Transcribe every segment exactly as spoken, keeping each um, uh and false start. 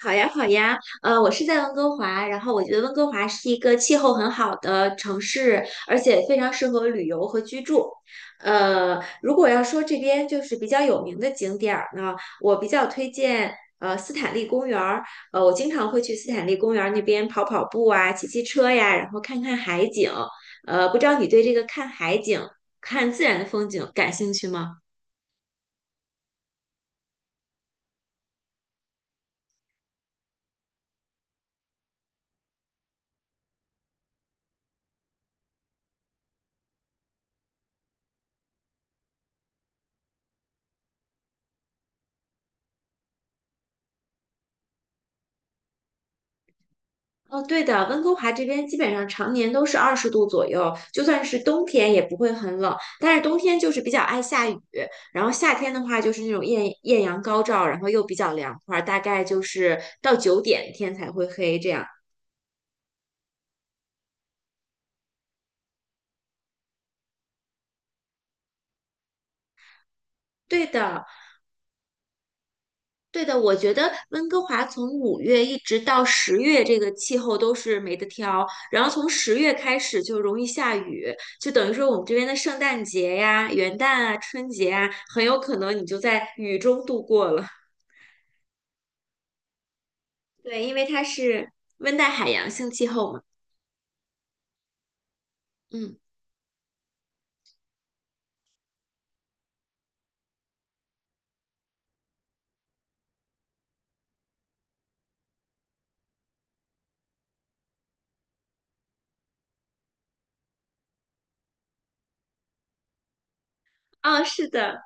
好呀，好呀，呃，我是在温哥华，然后我觉得温哥华是一个气候很好的城市，而且非常适合旅游和居住。呃，如果要说这边就是比较有名的景点儿呢，我比较推荐呃斯坦利公园儿，呃，我经常会去斯坦利公园儿那边跑跑步啊，骑骑车呀，然后看看海景。呃，不知道你对这个看海景、看自然的风景感兴趣吗？哦，对的，温哥华这边基本上常年都是二十度左右，就算是冬天也不会很冷，但是冬天就是比较爱下雨，然后夏天的话就是那种艳艳阳高照，然后又比较凉快儿大概就是到九点天才会黑这样。对的，对的，我觉得温哥华从五月一直到十月，这个气候都是没得挑。然后从十月开始就容易下雨，就等于说我们这边的圣诞节呀、元旦啊、春节啊，很有可能你就在雨中度过了。对，因为它是温带海洋性气候嘛。嗯，哦，是的，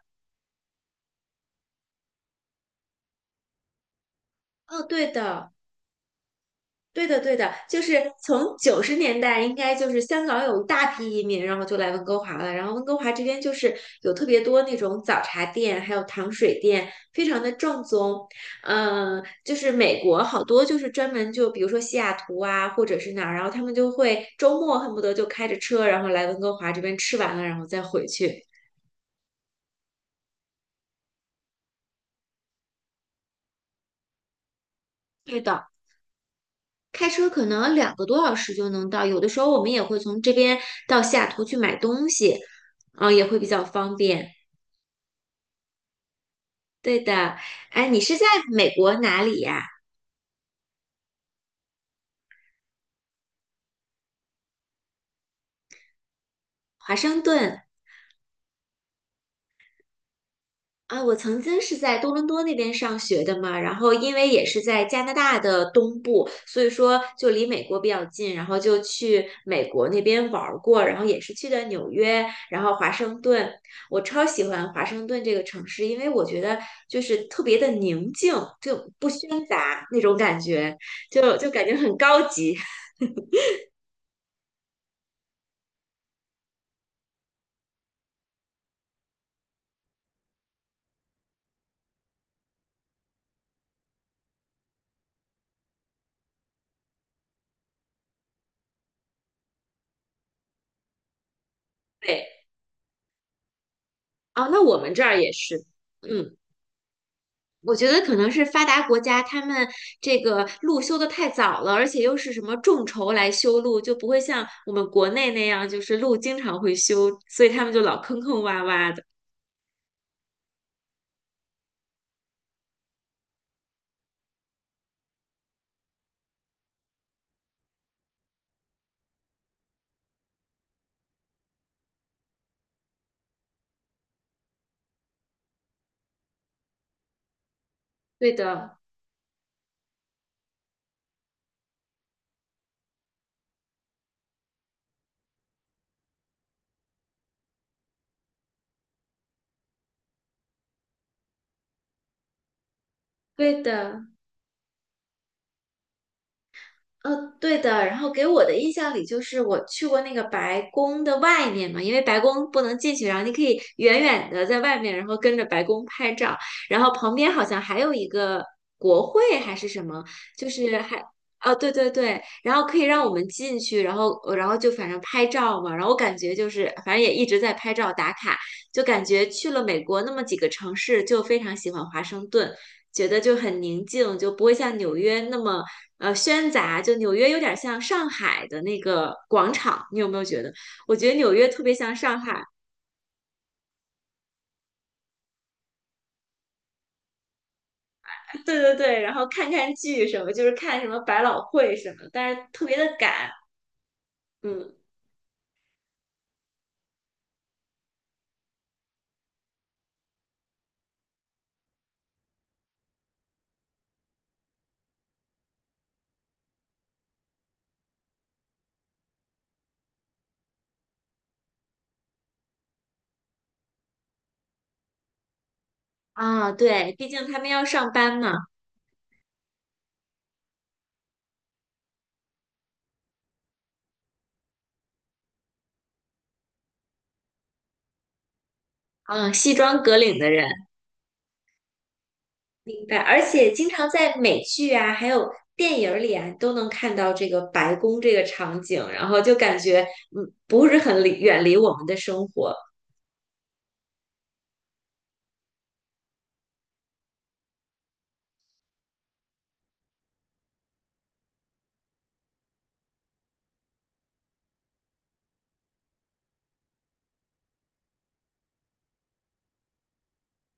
哦，对的。对的，对的，就是从九十年代，应该就是香港有一大批移民，然后就来温哥华了。然后温哥华这边就是有特别多那种早茶店，还有糖水店，非常的正宗。嗯、就是美国好多就是专门就比如说西雅图啊，或者是哪儿，然后他们就会周末恨不得就开着车，然后来温哥华这边吃完了，然后再回去。对的，开车可能两个多小时就能到，有的时候我们也会从这边到西雅图去买东西，嗯、也会比较方便。对的，哎，你是在美国哪里呀？华盛顿啊，我曾经是在多伦多那边上学的嘛，然后因为也是在加拿大的东部，所以说就离美国比较近，然后就去美国那边玩儿过，然后也是去的纽约，然后华盛顿，我超喜欢华盛顿这个城市，因为我觉得就是特别的宁静，就不喧杂那种感觉，就就感觉很高级。对，哦，那我们这儿也是，嗯。我觉得可能是发达国家他们这个路修得太早了，而且又是什么众筹来修路，就不会像我们国内那样，就是路经常会修，所以他们就老坑坑洼洼的。对的，对的。呃，对的，然后给我的印象里就是我去过那个白宫的外面嘛，因为白宫不能进去，然后你可以远远的在外面，然后跟着白宫拍照，然后旁边好像还有一个国会还是什么，就是还，哦，对对对，然后可以让我们进去，然后然后就反正拍照嘛，然后我感觉就是反正也一直在拍照打卡，就感觉去了美国那么几个城市，就非常喜欢华盛顿。觉得就很宁静，就不会像纽约那么呃喧杂，就纽约有点像上海的那个广场，你有没有觉得？我觉得纽约特别像上海，对对对，然后看看剧什么，就是看什么百老汇什么，但是特别的赶，嗯啊，对，毕竟他们要上班嘛，嗯，西装革领的人，明白。而且经常在美剧啊，还有电影儿里啊，都能看到这个白宫这个场景，然后就感觉嗯，不是很离远离我们的生活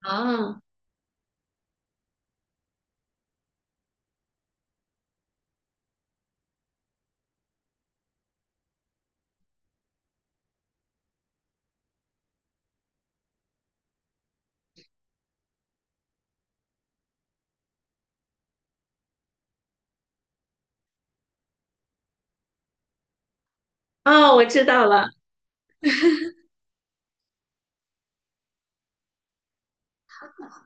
啊。哦，我知道了。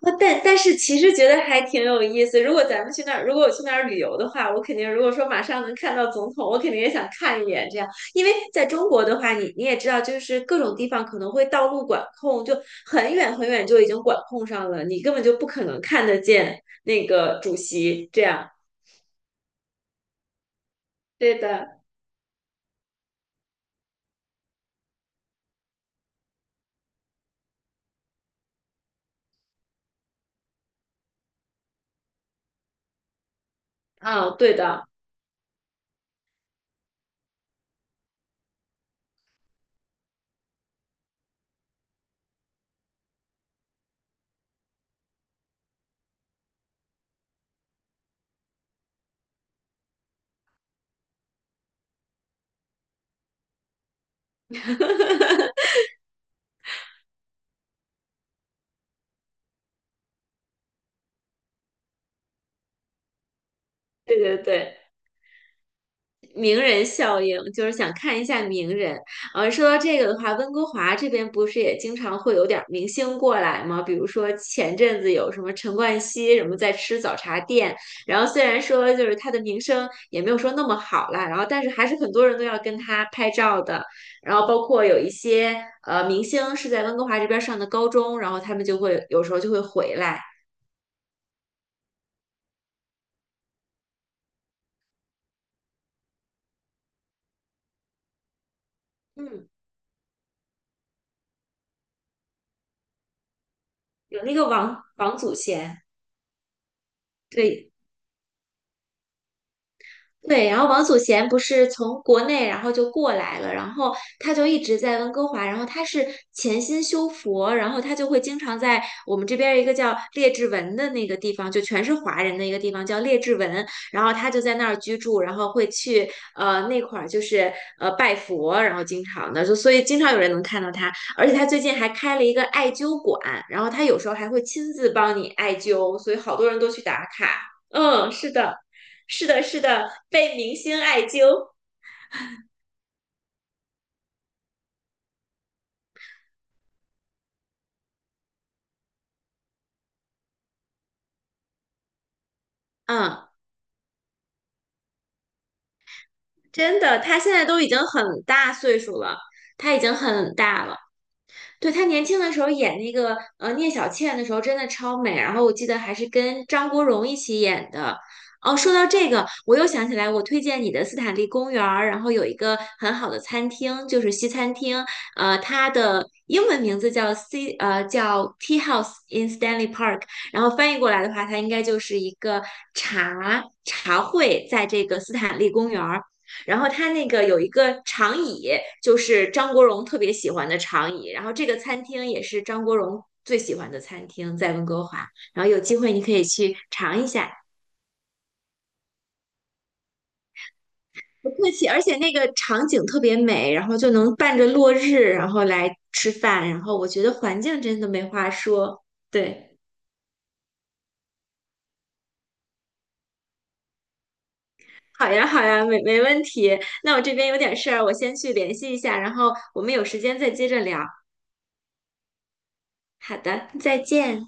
哦，但但是其实觉得还挺有意思。如果咱们去那儿，如果我去那儿旅游的话，我肯定如果说马上能看到总统，我肯定也想看一眼这样。因为在中国的话，你你也知道，就是各种地方可能会道路管控，就很远很远就已经管控上了，你根本就不可能看得见那个主席这样。对的，啊，对的，对对对。名人效应，就是想看一下名人。呃，说到这个的话，温哥华这边不是也经常会有点儿明星过来吗？比如说前阵子有什么陈冠希什么在吃早茶店，然后虽然说就是他的名声也没有说那么好啦，然后但是还是很多人都要跟他拍照的。然后包括有一些呃明星是在温哥华这边上的高中，然后他们就会有时候就会回来。嗯，有那个王王祖贤，对。对，然后王祖贤不是从国内，然后就过来了，然后他就一直在温哥华，然后他是潜心修佛，然后他就会经常在我们这边儿一个叫列治文的那个地方，就全是华人的一个地方叫列治文，然后他就在那儿居住，然后会去呃那块儿就是呃拜佛，然后经常的就所以经常有人能看到他，而且他最近还开了一个艾灸馆，然后他有时候还会亲自帮你艾灸，所以好多人都去打卡。嗯，是的。是的，是的，被明星艾灸。嗯，真的，他现在都已经很大岁数了，他已经很大了。对，她年轻的时候演那个呃聂小倩的时候真的超美，然后我记得还是跟张国荣一起演的。哦，说到这个，我又想起来，我推荐你的斯坦利公园儿，然后有一个很好的餐厅，就是西餐厅，呃，它的英文名字叫 C，呃，叫 Tea House in Stanley Park，然后翻译过来的话，它应该就是一个茶茶会，在这个斯坦利公园儿。然后它那个有一个长椅，就是张国荣特别喜欢的长椅。然后这个餐厅也是张国荣最喜欢的餐厅，在温哥华。然后有机会你可以去尝一下，不客气。而且那个场景特别美，然后就能伴着落日，然后来吃饭。然后我觉得环境真的没话说，对。好呀，好呀，没没问题。那我这边有点事儿，我先去联系一下，然后我们有时间再接着聊。好的，再见。